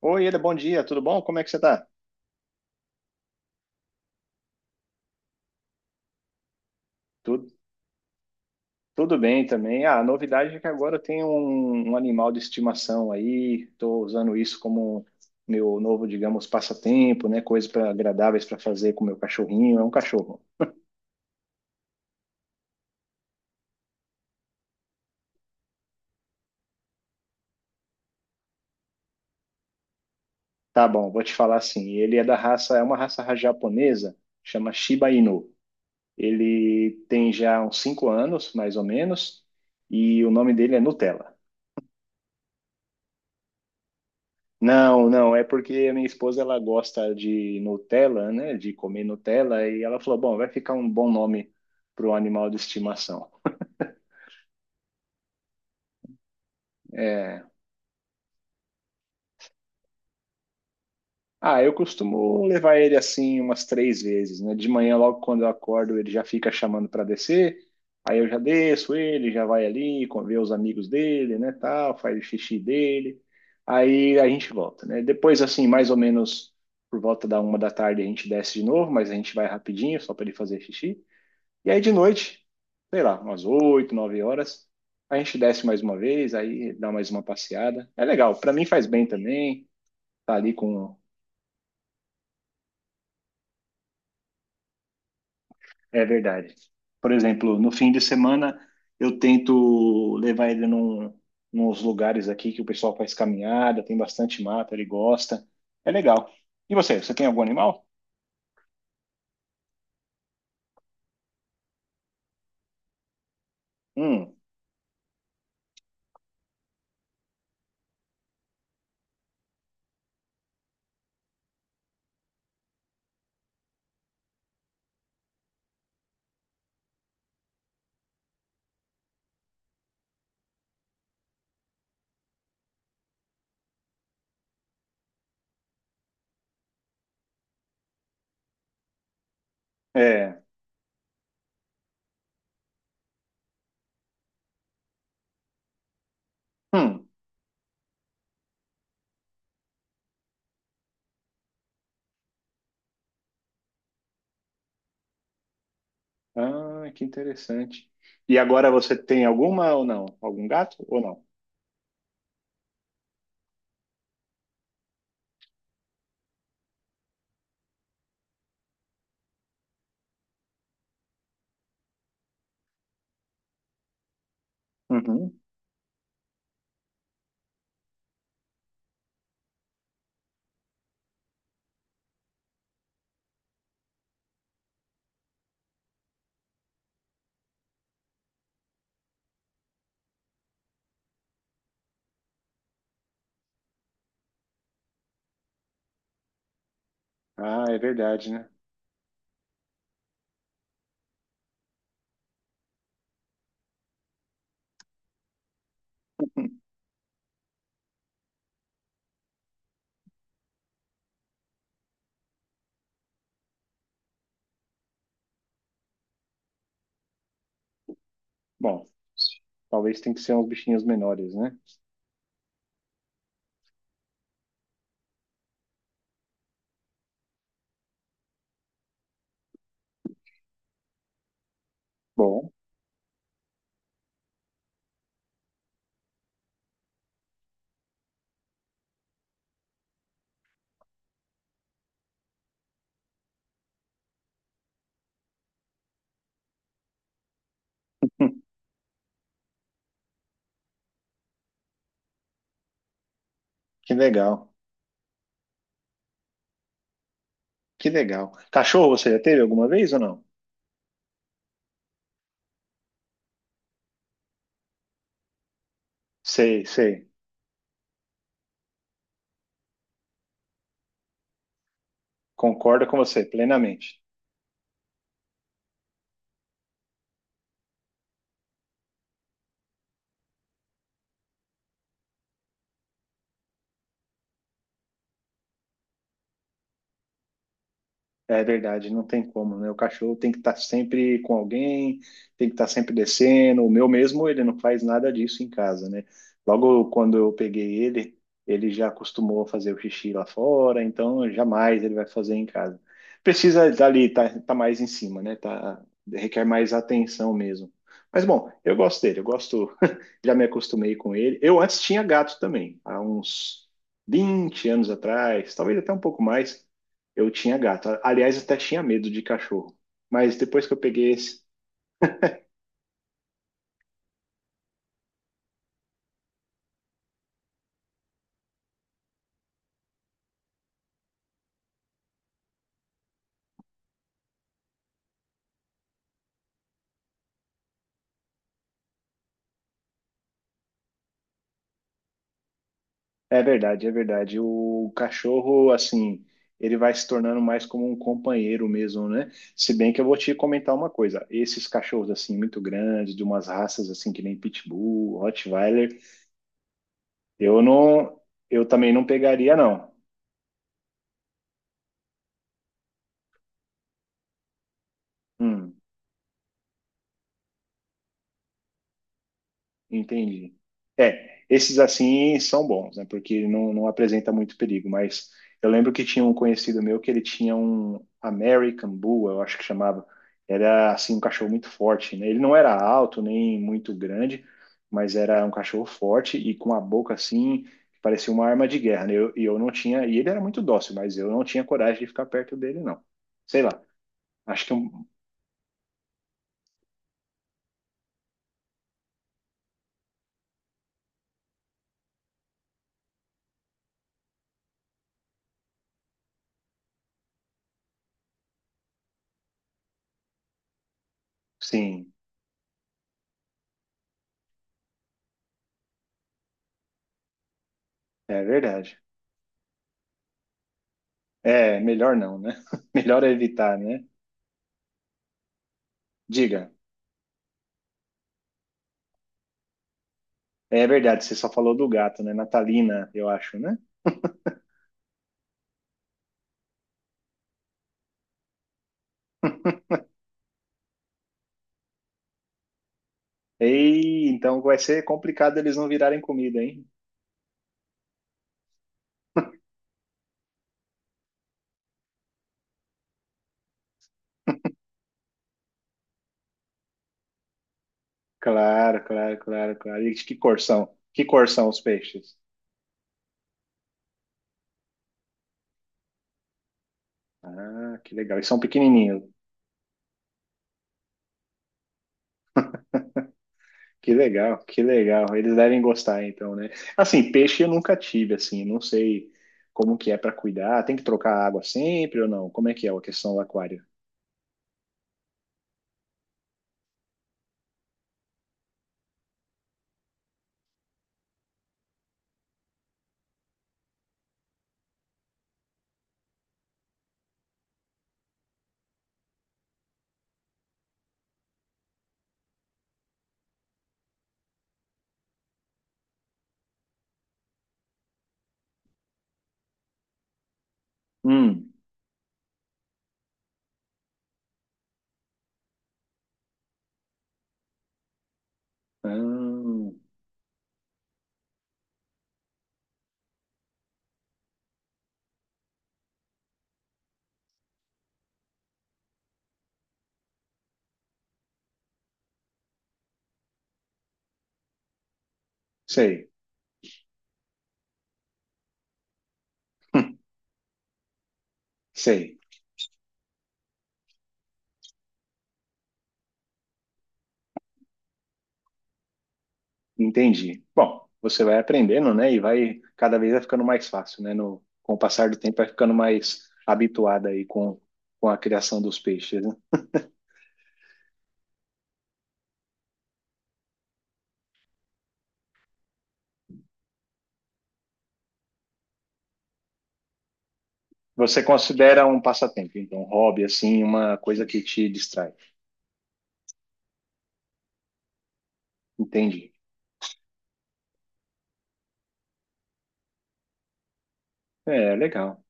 Oi, Eda, bom dia, tudo bom? Como é que você tá? Tudo, tudo, bem também. Ah, a novidade é que agora eu tenho um animal de estimação aí, estou usando isso como meu novo, digamos, passatempo, né? Coisas pra, agradáveis para fazer com meu cachorrinho. É um cachorro. Tá bom, vou te falar assim. Ele é da raça, é uma raça japonesa, chama Shiba Inu. Ele tem já uns 5 anos, mais ou menos, e o nome dele é Nutella. Não, não, é porque a minha esposa ela gosta de Nutella, né? De comer Nutella, e ela falou: bom, vai ficar um bom nome para o animal de estimação. É. Ah, eu costumo levar ele assim umas três vezes, né? De manhã, logo quando eu acordo, ele já fica chamando para descer, aí eu já desço ele, já vai ali, vê os amigos dele, né? Tal, faz o xixi dele, aí a gente volta, né? Depois, assim, mais ou menos por volta da 1 da tarde, a gente desce de novo, mas a gente vai rapidinho, só para ele fazer xixi. E aí de noite, sei lá, umas 8 9 horas, a gente desce mais uma vez, aí dá mais uma passeada. É legal, para mim faz bem também, tá ali com. É verdade. Por exemplo, no fim de semana eu tento levar ele nos lugares aqui que o pessoal faz caminhada, tem bastante mata, ele gosta. É legal. E você, você tem algum animal? Hum, é. Hum. Ah, que interessante. E agora você tem alguma ou não? Algum gato ou não? Uhum. Ah, é verdade, né? Bom, talvez tenha que ser uns bichinhos menores, né? Bom, que legal. Que legal. Cachorro você já teve alguma vez ou não? Sei, sei. Concordo com você plenamente. É verdade, não tem como, né? O cachorro tem que estar sempre com alguém, tem que estar sempre descendo. O meu mesmo, ele não faz nada disso em casa, né? Logo quando eu peguei ele, ele já acostumou a fazer o xixi lá fora, então jamais ele vai fazer em casa. Precisa dali, tá, tá mais em cima, né? Tá, requer mais atenção mesmo. Mas bom, eu gosto dele, eu gosto, já me acostumei com ele. Eu antes tinha gato também, há uns 20 anos atrás, talvez até um pouco mais. Eu tinha gato. Aliás, até tinha medo de cachorro. Mas depois que eu peguei esse. É verdade, é verdade. O cachorro, assim, ele vai se tornando mais como um companheiro mesmo, né? Se bem que eu vou te comentar uma coisa. Esses cachorros, assim, muito grandes, de umas raças, assim, que nem Pitbull, Rottweiler, eu não. Eu também não pegaria, não. Hum. Entendi. É, esses assim são bons, né? Porque não apresenta muito perigo, mas eu lembro que tinha um conhecido meu que ele tinha um American Bull, eu acho que chamava. Era assim um cachorro muito forte, né? Ele não era alto nem muito grande, mas era um cachorro forte e com a boca assim, que parecia uma arma de guerra, né? E eu, não tinha, e ele era muito dócil, mas eu não tinha coragem de ficar perto dele, não. Sei lá. Acho que um- sim, é verdade. É, melhor não, né? Melhor é evitar, né? Diga. É verdade, você só falou do gato, né? Natalina, eu acho, né? Ei, então vai ser complicado eles não virarem comida, hein? Claro, claro, claro, claro. E que cor são? Que cor são os peixes? Ah, que legal. E são pequenininhos. Que legal, que legal. Eles devem gostar, então, né? Assim, peixe eu nunca tive, assim, não sei como que é para cuidar. Tem que trocar a água sempre ou não? Como é que é a questão do aquário? Hum, ah, sei, sei. Entendi. Bom, você vai aprendendo, né? E vai, cada vez vai ficando mais fácil, né? No, com o passar do tempo, vai ficando mais habituada aí com a criação dos peixes, né? Você considera um passatempo, então, um hobby, assim, uma coisa que te distrai. Entendi. É, legal.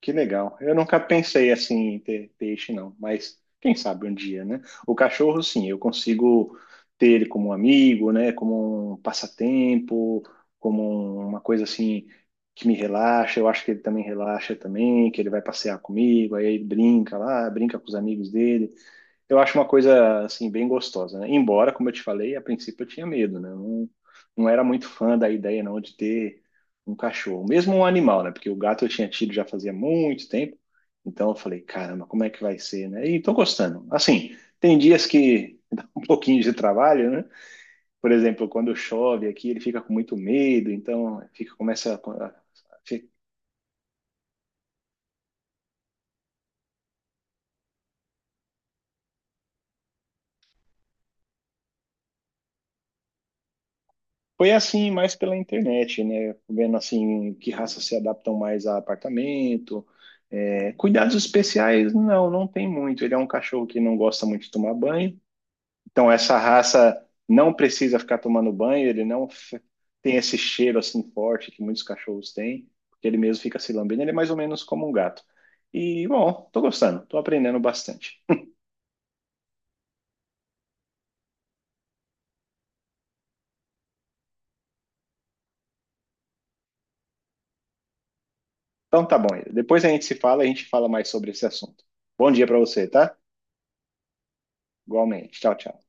Que legal. Eu nunca pensei assim em ter peixe, não, mas quem sabe um dia, né? O cachorro, sim, eu consigo ter ele como um amigo, né? Como um passatempo, como uma coisa assim que me relaxa. Eu acho que ele também relaxa também, que ele vai passear comigo, aí ele brinca lá, brinca com os amigos dele eu acho uma coisa assim bem gostosa, né? Embora, como eu te falei, a princípio eu tinha medo, né? Eu não era muito fã da ideia não de ter um cachorro, mesmo um animal, né? Porque o gato eu tinha tido já fazia muito tempo, então eu falei, caramba, como é que vai ser, né? E tô gostando. Assim, tem dias que dá um pouquinho de trabalho, né? Por exemplo, quando chove aqui, ele fica com muito medo, então fica começa a- fi- foi assim mais pela internet, né? Vendo assim que raças se adaptam mais a apartamento É, Cuidados especiais, não, não tem muito. Ele é um cachorro que não gosta muito de tomar banho. Então, essa raça não precisa ficar tomando banho, ele não f- tem esse cheiro assim forte que muitos cachorros têm, porque ele mesmo fica se lambendo. Ele é mais ou menos como um gato. E, bom, tô gostando, tô aprendendo bastante. Então, tá bom. Depois a gente se fala, a gente fala mais sobre esse assunto. Bom dia pra você, tá? Igualmente. Tchau, tchau.